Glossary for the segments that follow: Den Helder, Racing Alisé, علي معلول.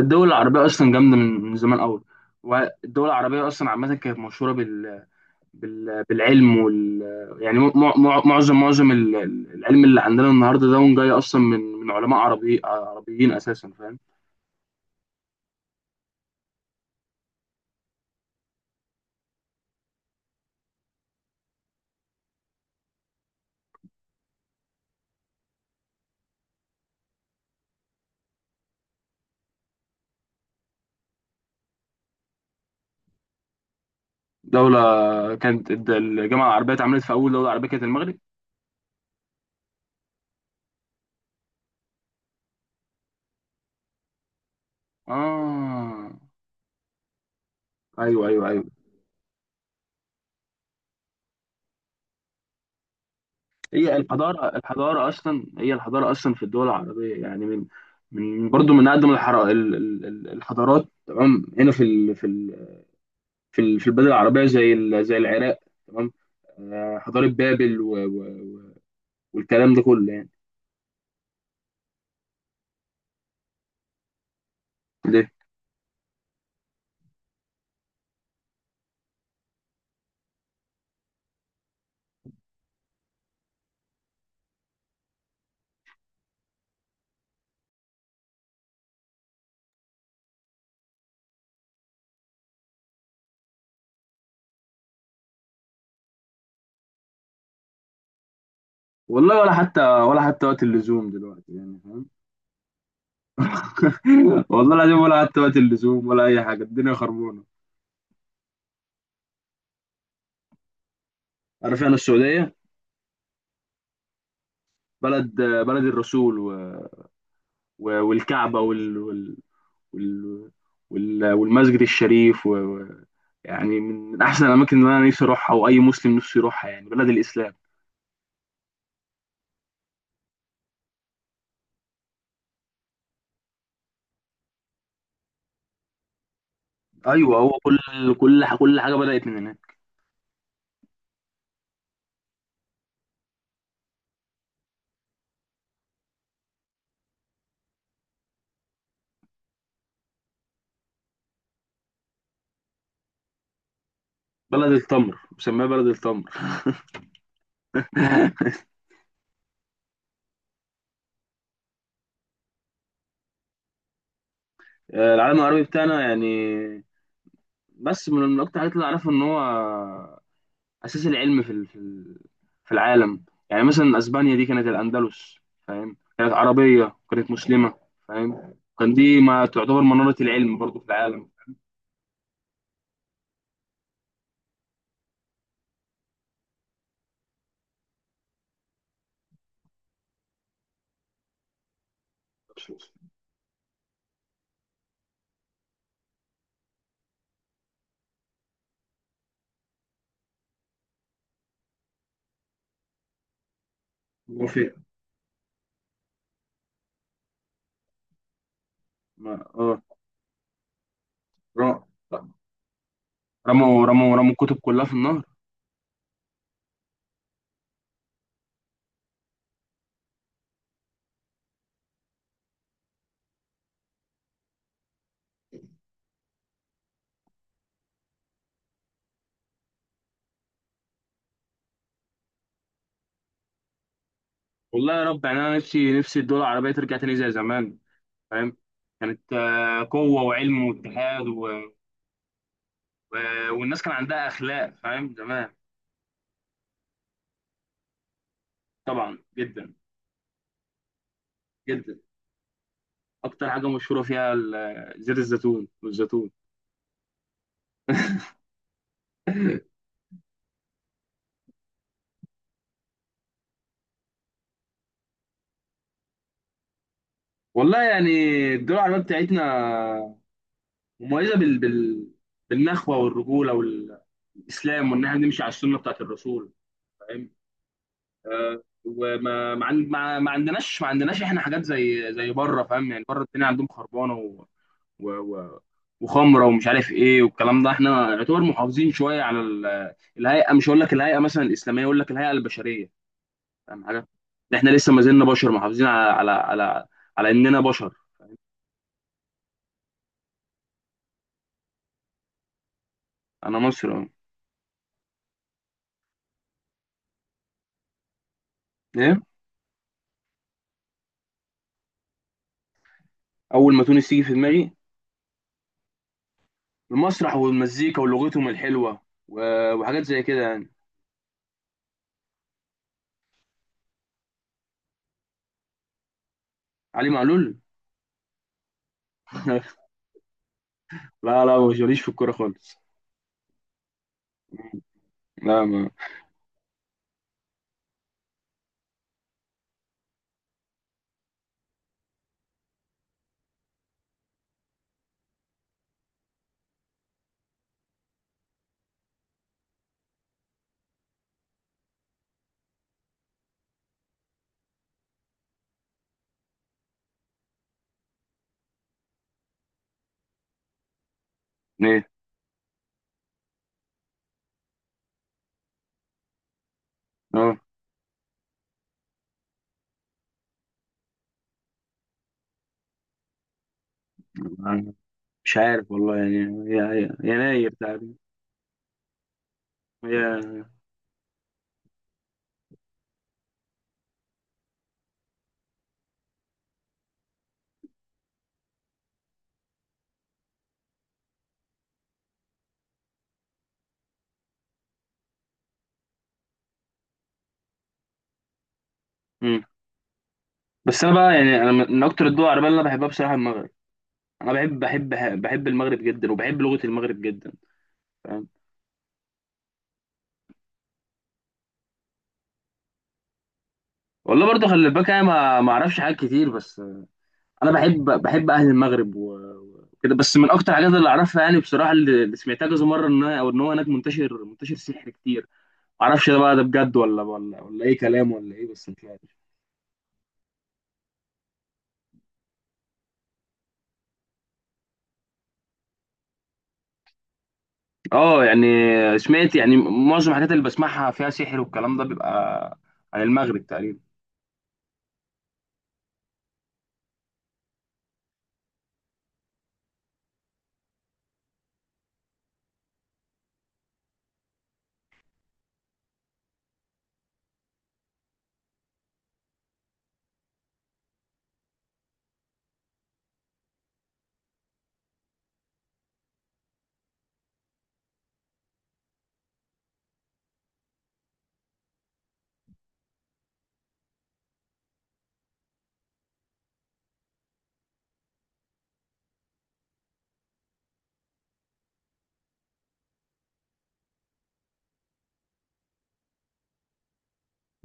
الدول العربية أصلا جامدة من زمان أوي. والدول العربية أصلا عامة كانت مشهورة بالعلم وال يعني معظم العلم اللي عندنا النهاردة ده جاي أصلا من علماء عربي عربيين أساسا، فاهم؟ دولة كانت الجامعة العربية اتعملت في أول دولة عربية كانت المغرب. آه، أيوه أيوه أيوه. هي الحضارة أصلا، هي الحضارة أصلا في الدول العربية يعني من، من برضه من أقدم الحضارات، تمام، هنا في في البلاد العربيه زي زي العراق، تمام. آه، حضاره بابل والكلام ده كله يعني. ليه؟ والله ولا حتى، ولا حتى وقت اللزوم دلوقتي، يعني فاهم؟ والله العظيم ولا حتى وقت اللزوم ولا اي حاجه، الدنيا خربانه. عارف انا السعوديه، بلد، بلد الرسول والكعبه وال... والمسجد الشريف يعني من من احسن الاماكن اللي انا نفسي اروحها، واي مسلم نفسه يروحها، يعني بلد الاسلام. ايوه، هو كل، كل حاجه بدات من هناك. بلد التمر، مسميها بلد التمر. آه، العالم العربي بتاعنا يعني، بس من اكتر الحاجات اللي اعرفها ان هو اساس العلم في في العالم. يعني مثلا اسبانيا دي كانت الاندلس، فاهم؟ كانت عربيه، كانت مسلمه، فاهم؟ كان دي ما تعتبر مناره العلم برضو في العالم. وفي ما اه، را- رموا الكتب كلها في النهر. والله يا رب، يعني انا نفسي، نفسي الدول العربيه ترجع تاني زي زمان، فاهم؟ كانت آه، قوه وعلم واتحاد، والناس كان عندها اخلاق، فاهم؟ زمان. طبعا جدا، جدا. اكتر حاجه مشهوره فيها زيت الزيتون والزيتون. والله يعني الدول العربيه بتاعتنا مميزه بالنخوه والرجوله والاسلام، وان احنا نمشي على السنه بتاعت الرسول، فاهم؟ آه، وما ما, ما عندناش، ما عندناش احنا حاجات زي زي بره، فاهم؟ يعني بره الدنيا عندهم خربانه و... و... وخمره ومش عارف ايه، والكلام ده احنا يعتبر محافظين شويه على الهيئه. مش هقول لك الهيئه مثلا الاسلاميه، اقول لك الهيئه البشريه، فاهم حاجه؟ ده احنا لسه ما زلنا بشر محافظين على، على على اننا بشر. انا مصري أهو. ايه؟ اول ما تونس تيجي في دماغي المسرح والمزيكا ولغتهم الحلوه وحاجات زي كده يعني. علي معلول؟ لا لا، مش ماليش في الكوره خالص. لا ما. ايه؟ اه، مش عارف والله، يعني هي، هي يناير تقريبا. هي بس انا بقى يعني، انا من اكتر الدول العربيه اللي انا بحبها بصراحه المغرب. انا بحب، بحب بحب المغرب جدا، وبحب لغه المغرب جدا، فاهم؟ والله برضه خلي بالك انا ما اعرفش حاجات كتير، بس انا بحب، بحب اهل المغرب وكده. بس من اكتر الحاجات اللي اعرفها يعني بصراحه، اللي سمعتها كذا مره ان، او ان هو هناك منتشر، منتشر سحر كتير. ما اعرفش ده بقى، ده بجد ولا، ولا اي كلام، ولا ايه؟ بس مش عارف. اه يعني، سمعت يعني معظم الحاجات اللي بسمعها فيها سحر والكلام ده، بيبقى عن المغرب تقريبا.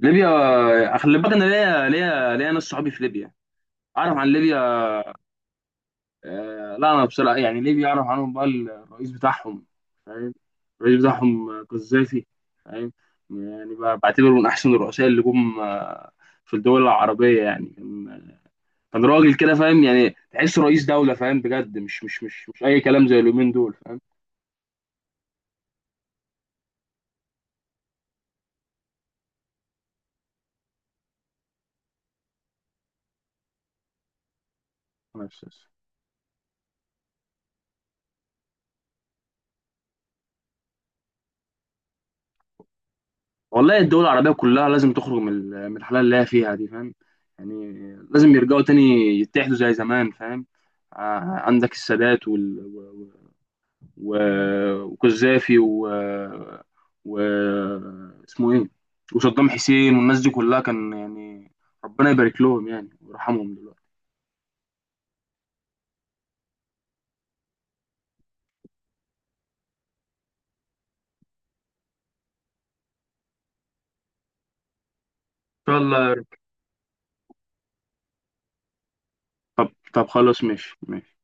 ليبيا؟ آه، خلي بالك انا ليا، ليا ناس صحابي في ليبيا، اعرف عن ليبيا. آه، لا انا بصراحه يعني ليبيا اعرف عنهم بقى الرئيس بتاعهم، فاهم؟ الرئيس بتاعهم آه، قذافي، فاهم؟ يعني بعتبره من احسن الرؤساء اللي جم آه، في الدول العربيه، يعني كان آه، كان راجل كده، فاهم؟ يعني تحسه رئيس دوله، فاهم؟ بجد، مش اي كلام زي اليومين دول، فاهم؟ بس- والله الدول العربية كلها لازم تخرج من من الحالة اللي هي فيها دي، فاهم؟ يعني لازم يرجعوا تاني، يتحدوا زي زمان، فاهم؟ عندك السادات و... وقذافي و... اسمه ايه، وصدام حسين والناس دي كلها، كان يعني ربنا يبارك لهم يعني، ويرحمهم دلوقتي. ان شاء الله يا رب. طب طب خلاص، ماشي ماشي.